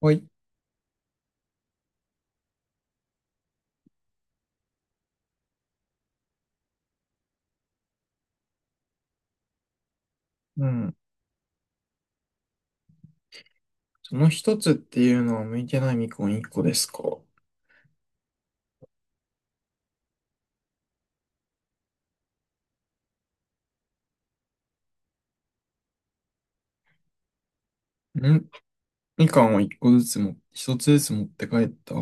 はい。うん。その一つっていうのは向いてないみかん一個ですか？んみかんを一つずつ持って帰った。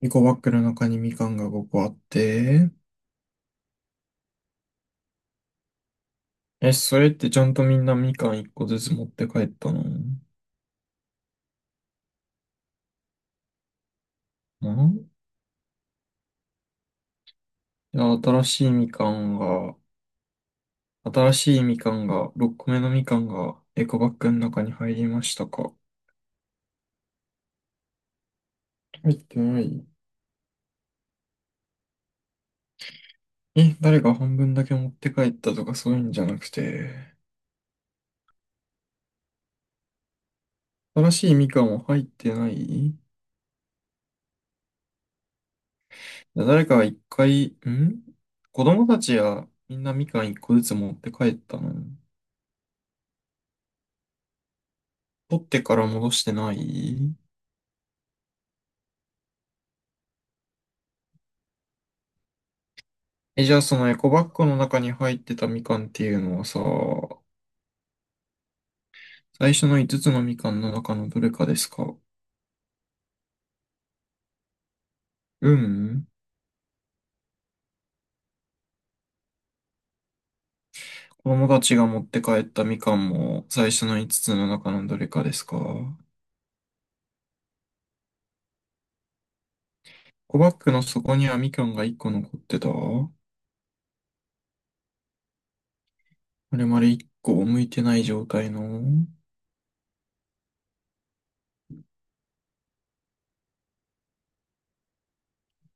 エコバッグの中にみかんが5個あって。え、それってちゃんとみんなみかん一個ずつ持って帰ったのん？いや、新しいみかんが、6個目のみかんがエコバッグの中に入りましたか？入ってない。え、誰が半分だけ持って帰ったとかそういうんじゃなくて。新しいみかんは入ってない。誰かが一回、ん、子供たちやみんなみかん一個ずつ持って帰ったの？取ってから戻してない。え、じゃあそのエコバッグの中に入ってたみかんっていうのはさ、最初の5つつのみかんの中のどれかですか？うん。子供たちが持って帰ったみかんも最初の5つつの中のどれかですか？エコバッグの底にはみかんが1個残ってたあれまる1個剥いてない状態の。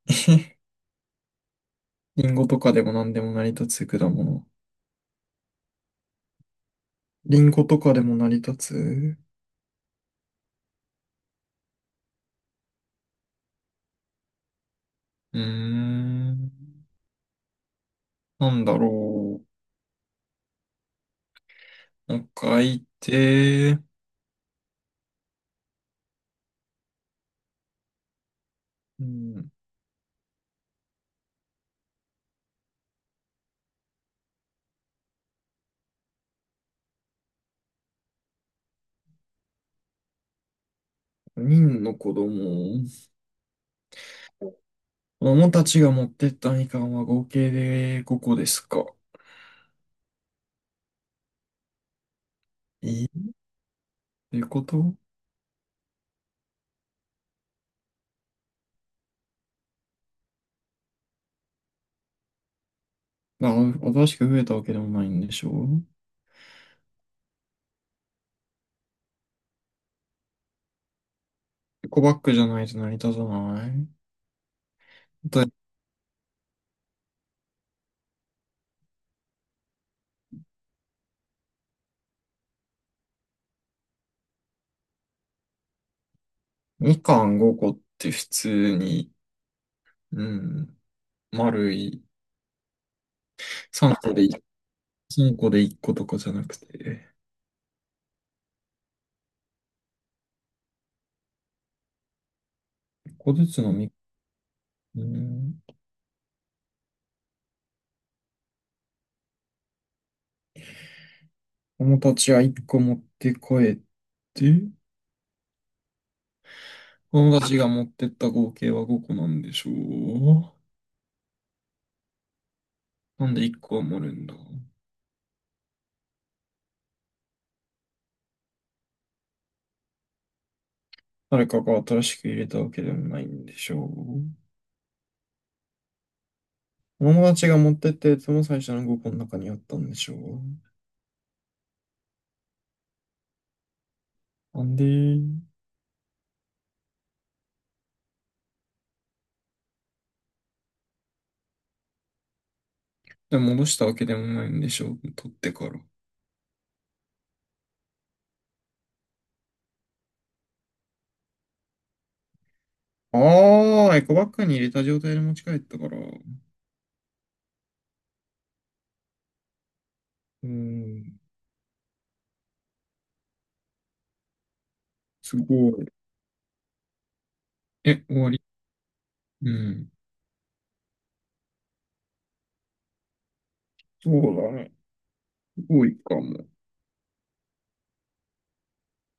リンゴとかでも何でも成り立つ果物。リンゴとかでも成り立つ。うーん。なんだろう。もう一回言って。うん。人の子供。子供たちが持ってったみかんは合計で5個ですか。えっ、ていうこと？まあ、新しく増えたわけでもないんでしょう？エコバッグじゃないと成り立たないだ。みかん5個って普通に、うん、丸い、3個で1 3個で1個とかじゃなくて、1個ずつのみ、うん、友達は1個持って帰って、友達が持ってった合計は5個なんでしょう。なんで1個は盛るんだ。誰かが新しく入れたわけでもないんでしょう。友達が持ってったやつも最初の5個の中にあったんでしょう。なんで、でも戻したわけでもないんでしょう。取ってから。ああ、エコバッグに入れた状態で持ち帰ったから。うーん、すごい。え、終わり？うん。そうだね。多いかも。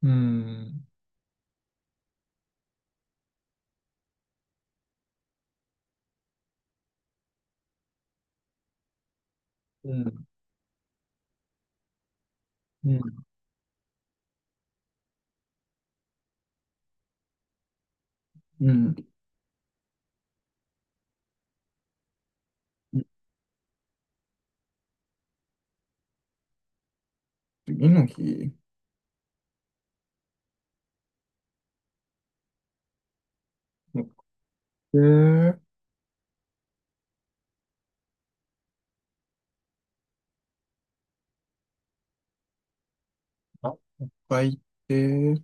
うん。うん。うん。うん、次の日、乗って、あ、帰って、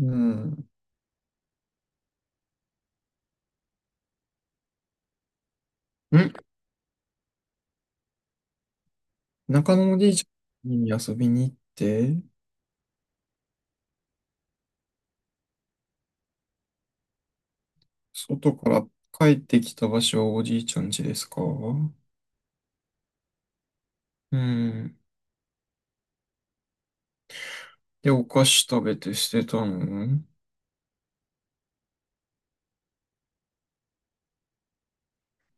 うん。ん、中野のおじいちゃんに遊びに行って、外から帰ってきた場所はおじいちゃん家ですか？うん。で、お菓子食べて捨てたの？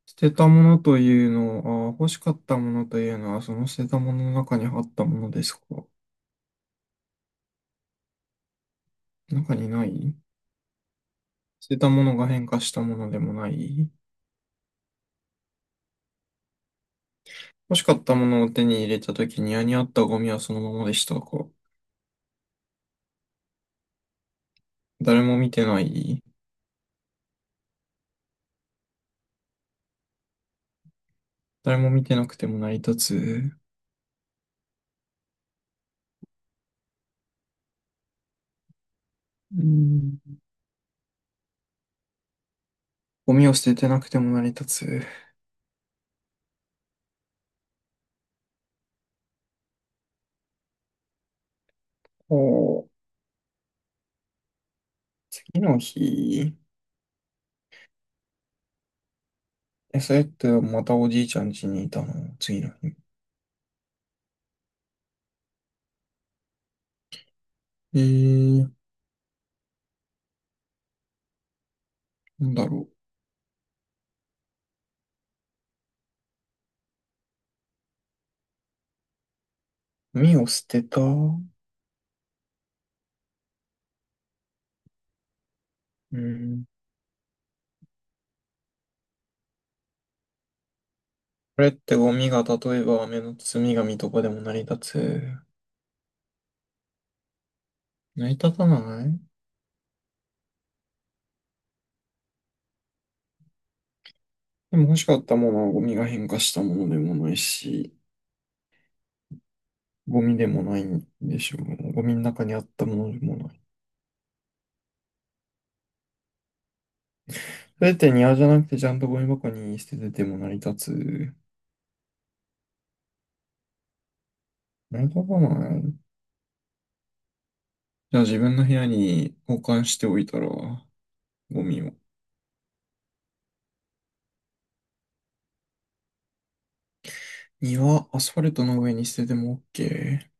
捨てたものというのは、あ、欲しかったものというのは、その捨てたものの中にあったものですか？中にない。捨てたものが変化したものでもない。欲しかったものを手に入れたときに、家にあったゴミはそのままでした。こう誰も見てない。誰も見てなくても成り立つ。うん。ゴミを捨ててなくても成り立つ。おう、次の日。え、それってまたおじいちゃん家にいたの次の日。えー、なんだろう。ゴミを捨てた。うん。これってゴミが例えば雨の積み紙とかでも成り立つ？成り立たない。でも欲しかったものはゴミが変化したものでもないし、ゴミでもないんでしょうね。ゴミの中にあったものでもない。それって庭じゃなくてちゃんとゴミ箱に捨ててても成り立つ？成り立たない。じゃあ自分の部屋に保管しておいたら、ゴミを。庭、アスファルトの上に捨てても OK？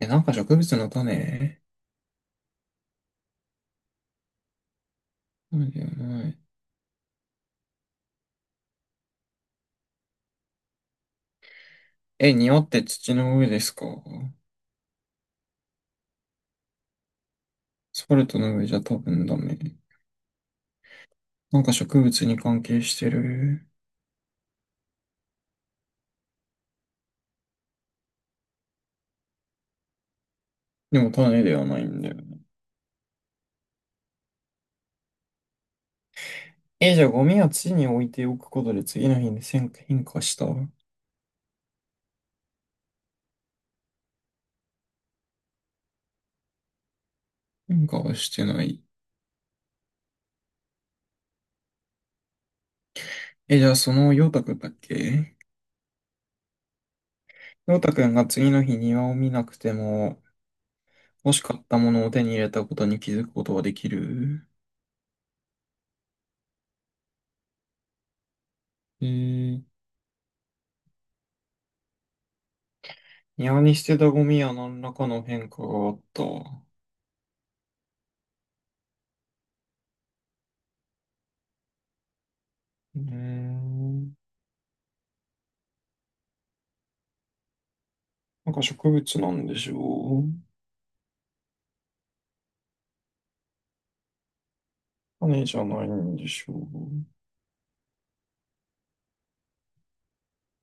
え、なんか植物の種？種じゃない。え、庭って土の上ですか？アスファルトの上じゃ多分ダメ。なんか植物に関係してる。でも種ではないんだよね。え、じゃあゴミは地に置いておくことで次の日に変化した？変化はしてない。え、じゃあその陽太くんだっけ？陽太くんが次の日庭を見なくても欲しかったものを手に入れたことに気づくことはできる？えー、庭に捨てたゴミや何らかの変化があった。うーん、なんか植物なんでしょう？種じゃないんでしょう、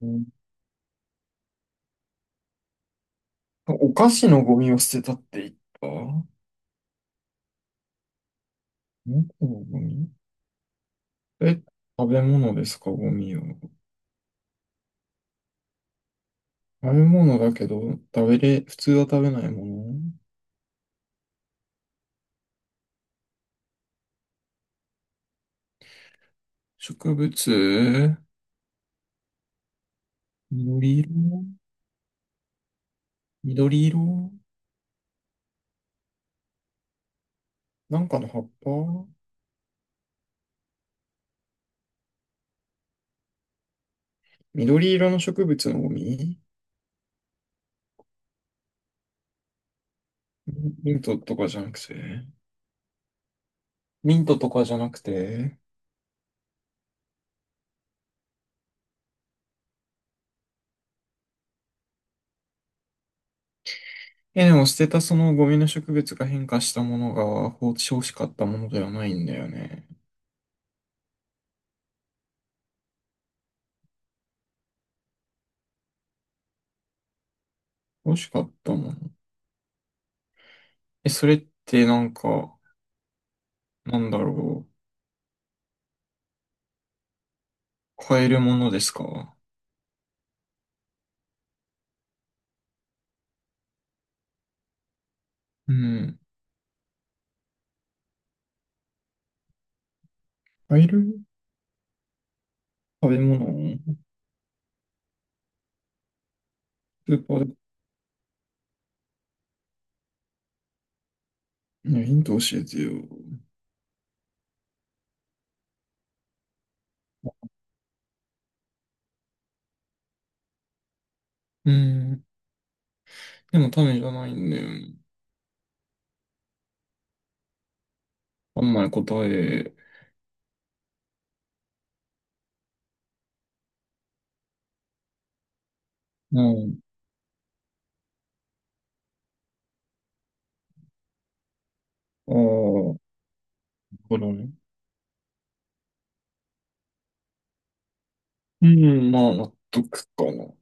うん。お菓子のゴミを捨てたって言った。猫のゴミ。え、食べ物ですか、ゴミは。食べ物だけど、食べれ、普通は食べないもの。植物。緑色。緑色、なんかの葉っぱ？緑色の植物のゴミ。ミントとかじゃなくてミントとかじゃなくてえ、でも捨てたそのゴミの植物が変化したものが放置欲しかったものではないんだよね。欲しかったもの。え、それってなんか、なんだろう。買えるものですか？うん。買える？食べ物。スーパーで。ねヒント教えてよ。うん。でも、タメじゃないんだよね。あんまり答え。うん。ああ、なるほどね。うん、まあ、納得かな。